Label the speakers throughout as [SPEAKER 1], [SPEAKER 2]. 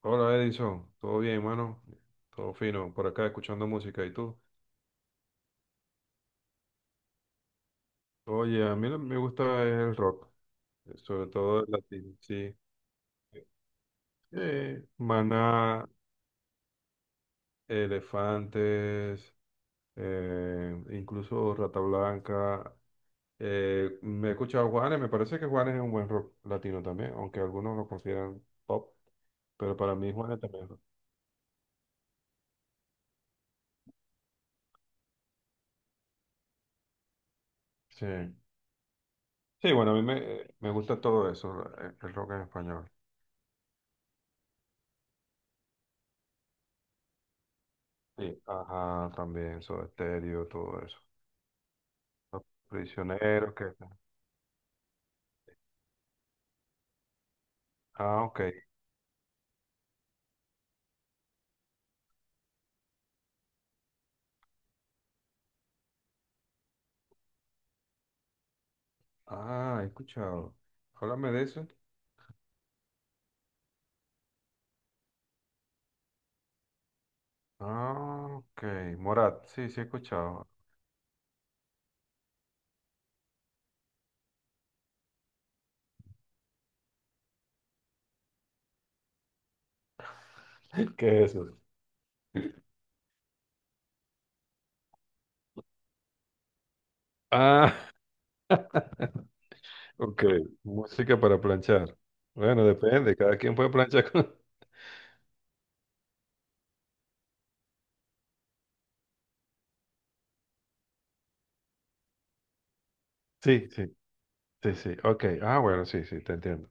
[SPEAKER 1] Hola Edison, todo bien, hermano, todo fino, por acá escuchando música, ¿y tú? Oye, a mí lo que me gusta es el rock, sobre todo el latino, sí. Maná, Elefantes, incluso Rata Blanca. Me he escuchado Juanes, me parece que Juanes es un buen rock latino también, aunque algunos lo consideran pop, pero para mí Juanes también es rock. Sí. Sí, bueno, a mí me gusta todo eso, el rock en español. Sí, ajá, también, Soda Stereo, todo eso. Los prisioneros que... Ah, ok. Ah, he escuchado. Háblame de eso. Ah, ok. Morat, sí, sí he escuchado. ¿Qué es eso? Ah, ok. Música para planchar. Bueno, depende, cada quien puede planchar con... Sí, sí, sí, sí. Ok. Ah, bueno, sí, sí, te entiendo.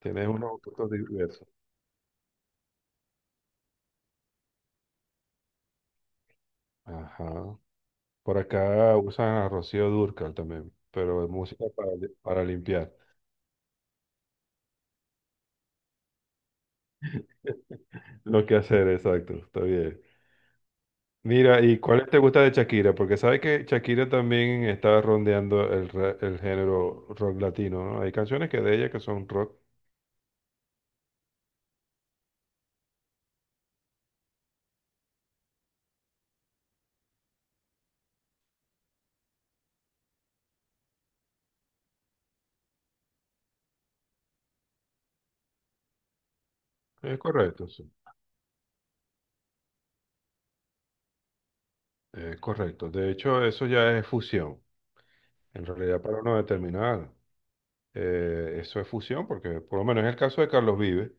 [SPEAKER 1] Tienes unos gustos diversos. Ajá. Por acá usan a Rocío Dúrcal también, pero es música para, para limpiar. Lo que hacer, exacto, está bien. Mira, ¿y cuáles te gusta de Shakira? Porque sabes que Shakira también está rondeando el, el género rock latino, ¿no? Hay canciones que de ella que son rock. Es correcto, sí. Es correcto. De hecho, eso ya es fusión. En realidad, para no determinar, eso es fusión, porque por lo menos en el caso de Carlos Vives.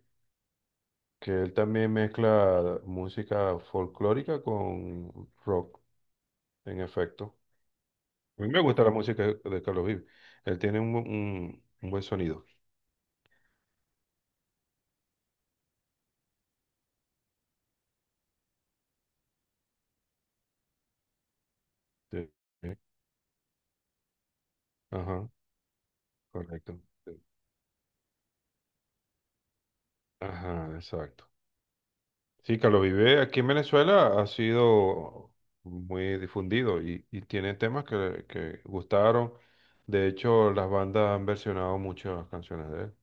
[SPEAKER 1] Que él también mezcla música folclórica con rock, en efecto. A mí me gusta la música de Carlos Vives. Él tiene un, un buen sonido. Sí. Ajá, correcto. Sí. Ajá, exacto. Sí, Carlos Vives aquí en Venezuela ha sido muy difundido y tiene temas que gustaron. De hecho, las bandas han versionado muchas canciones de él.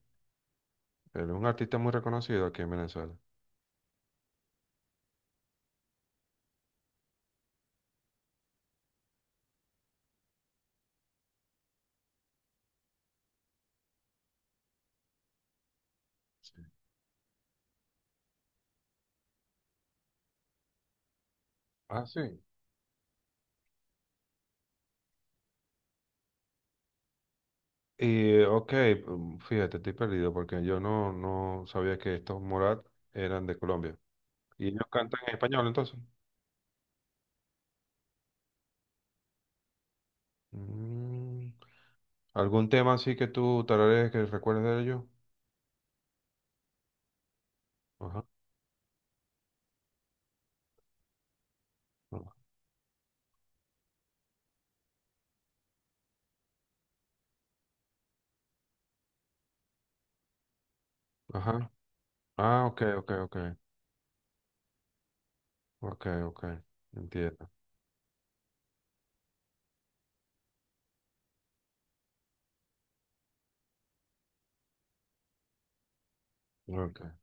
[SPEAKER 1] Él es un artista muy reconocido aquí en Venezuela. Sí. Ah, sí. Y ok, fíjate, estoy perdido porque yo no, no sabía que estos Morat eran de Colombia. ¿Y ellos cantan en español entonces? Mm, ¿Algún tema así que tú tararees que recuerdes de ellos? Ajá. No. Ajá. Ah, ok, ok, ok. Ok, ok. Entiendo. Ok.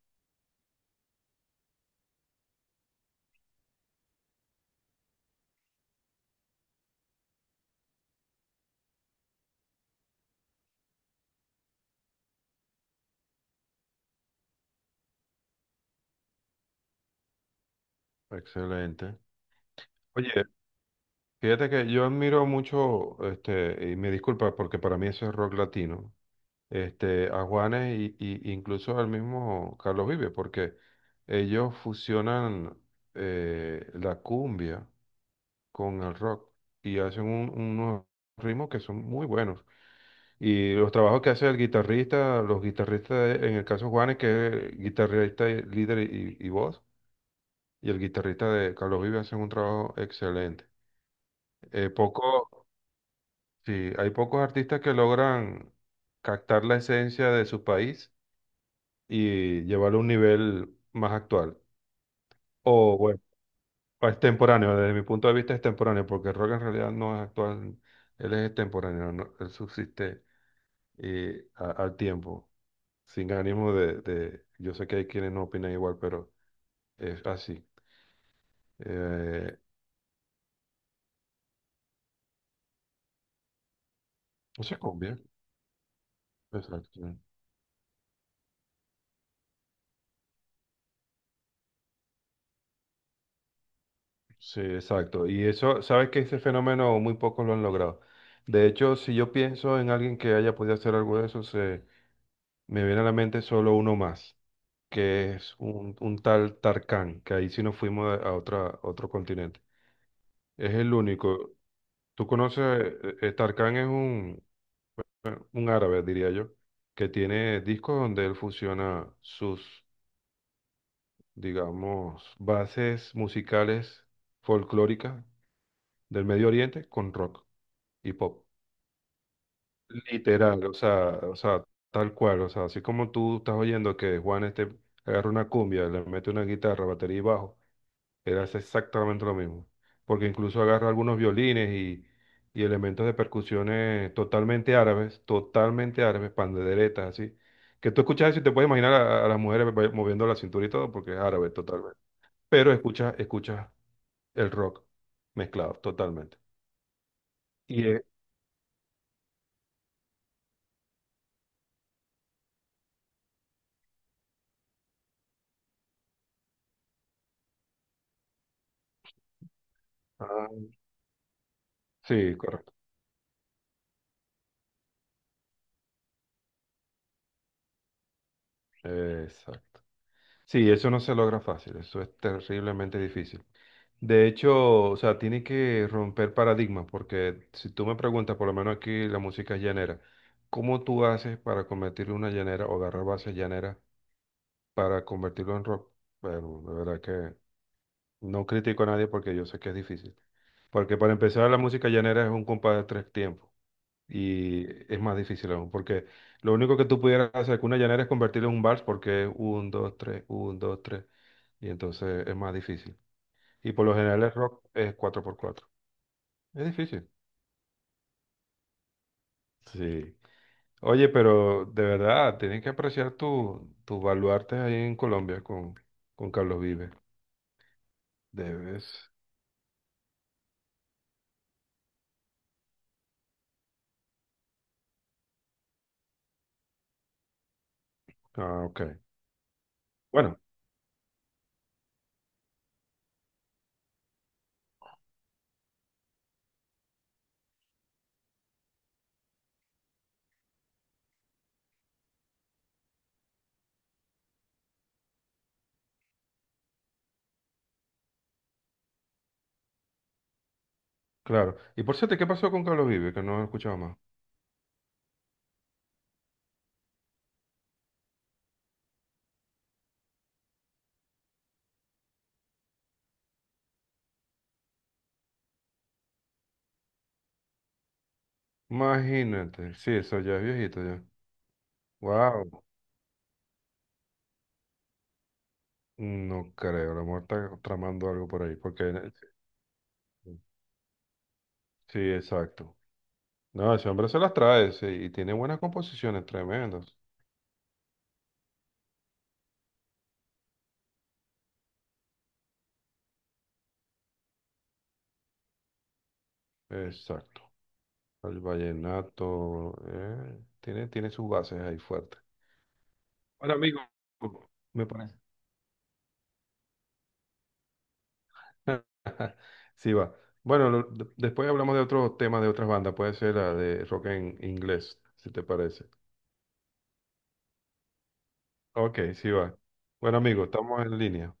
[SPEAKER 1] Excelente. Oye, fíjate que yo admiro mucho, este, y me disculpa porque para mí eso es rock latino. Este, a Juanes y incluso al mismo Carlos Vives, porque ellos fusionan la cumbia con el rock y hacen unos ritmos que son muy buenos. Y los trabajos que hace el guitarrista, los guitarristas, en el caso de Juanes, que es guitarrista, líder y voz, y el guitarrista de Carlos Vives hacen un trabajo excelente. Eh, poco, sí, hay pocos artistas que logran captar la esencia de su país y llevarlo a un nivel más actual. O bueno, extemporáneo, desde mi punto de vista es extemporáneo, porque el rock en realidad no es actual, él es extemporáneo, ¿no? Él subsiste al tiempo, sin ánimo yo sé que hay quienes no opinan igual, pero es así. Eh, eso es cumbia, exacto. Sí, exacto. Y eso, sabes que ese fenómeno muy pocos lo han logrado. De hecho, si yo pienso en alguien que haya podido hacer algo de eso, se, me viene a la mente solo uno más que es un tal Tarkán, que ahí sí nos fuimos a otra, otro continente. Es el único. Tú conoces, Tarkán es un árabe, diría yo, que tiene discos donde él fusiona sus, digamos, bases musicales folclóricas del Medio Oriente con rock y pop. Literal, tal cual, o sea, así como tú estás oyendo que Juan este agarra una cumbia, le mete una guitarra, batería y bajo. Eras exactamente lo mismo. Porque incluso agarra algunos violines y elementos de percusiones totalmente árabes, panderetas, así. Que tú escuchas eso y te puedes imaginar a las mujeres moviendo la cintura y todo, porque es árabe totalmente. Pero escuchas el rock mezclado totalmente. Y es- ah, sí, correcto. Exacto. Sí, eso no se logra fácil, eso es terriblemente difícil. De hecho, o sea, tiene que romper paradigmas, porque si tú me preguntas, por lo menos aquí la música es llanera, ¿cómo tú haces para convertirlo en una llanera o agarrar bases llaneras para convertirlo en rock? Bueno, de verdad que no critico a nadie porque yo sé que es difícil. Porque para empezar, la música llanera es un compás de tres tiempos y es más difícil aún, porque lo único que tú pudieras hacer con una llanera es convertirlo en un vals, porque es un, dos, tres, y entonces es más difícil. Y por lo general el rock es cuatro por cuatro. Es difícil. Sí. Oye, pero de verdad, tienes que apreciar tu, tus baluartes ahí en Colombia con Carlos Vives. Debes. Ah, ok. Bueno, claro. Y por cierto, ¿qué pasó con Carlos Vives? Que no he escuchado más. Imagínate. Sí, eso ya es viejito ya. Wow. No creo, la muerte está tramando algo por ahí, porque sí, exacto. No, ese hombre se las trae, sí, y tiene buenas composiciones, tremendas. Exacto. El vallenato, tiene, tiene sus bases ahí fuertes. Ahora, amigo, me parece. Sí, va. Bueno, después hablamos de otros temas de otras bandas, puede ser la de rock en inglés, si te parece. Ok, sí, va. Bueno, amigo, estamos en línea.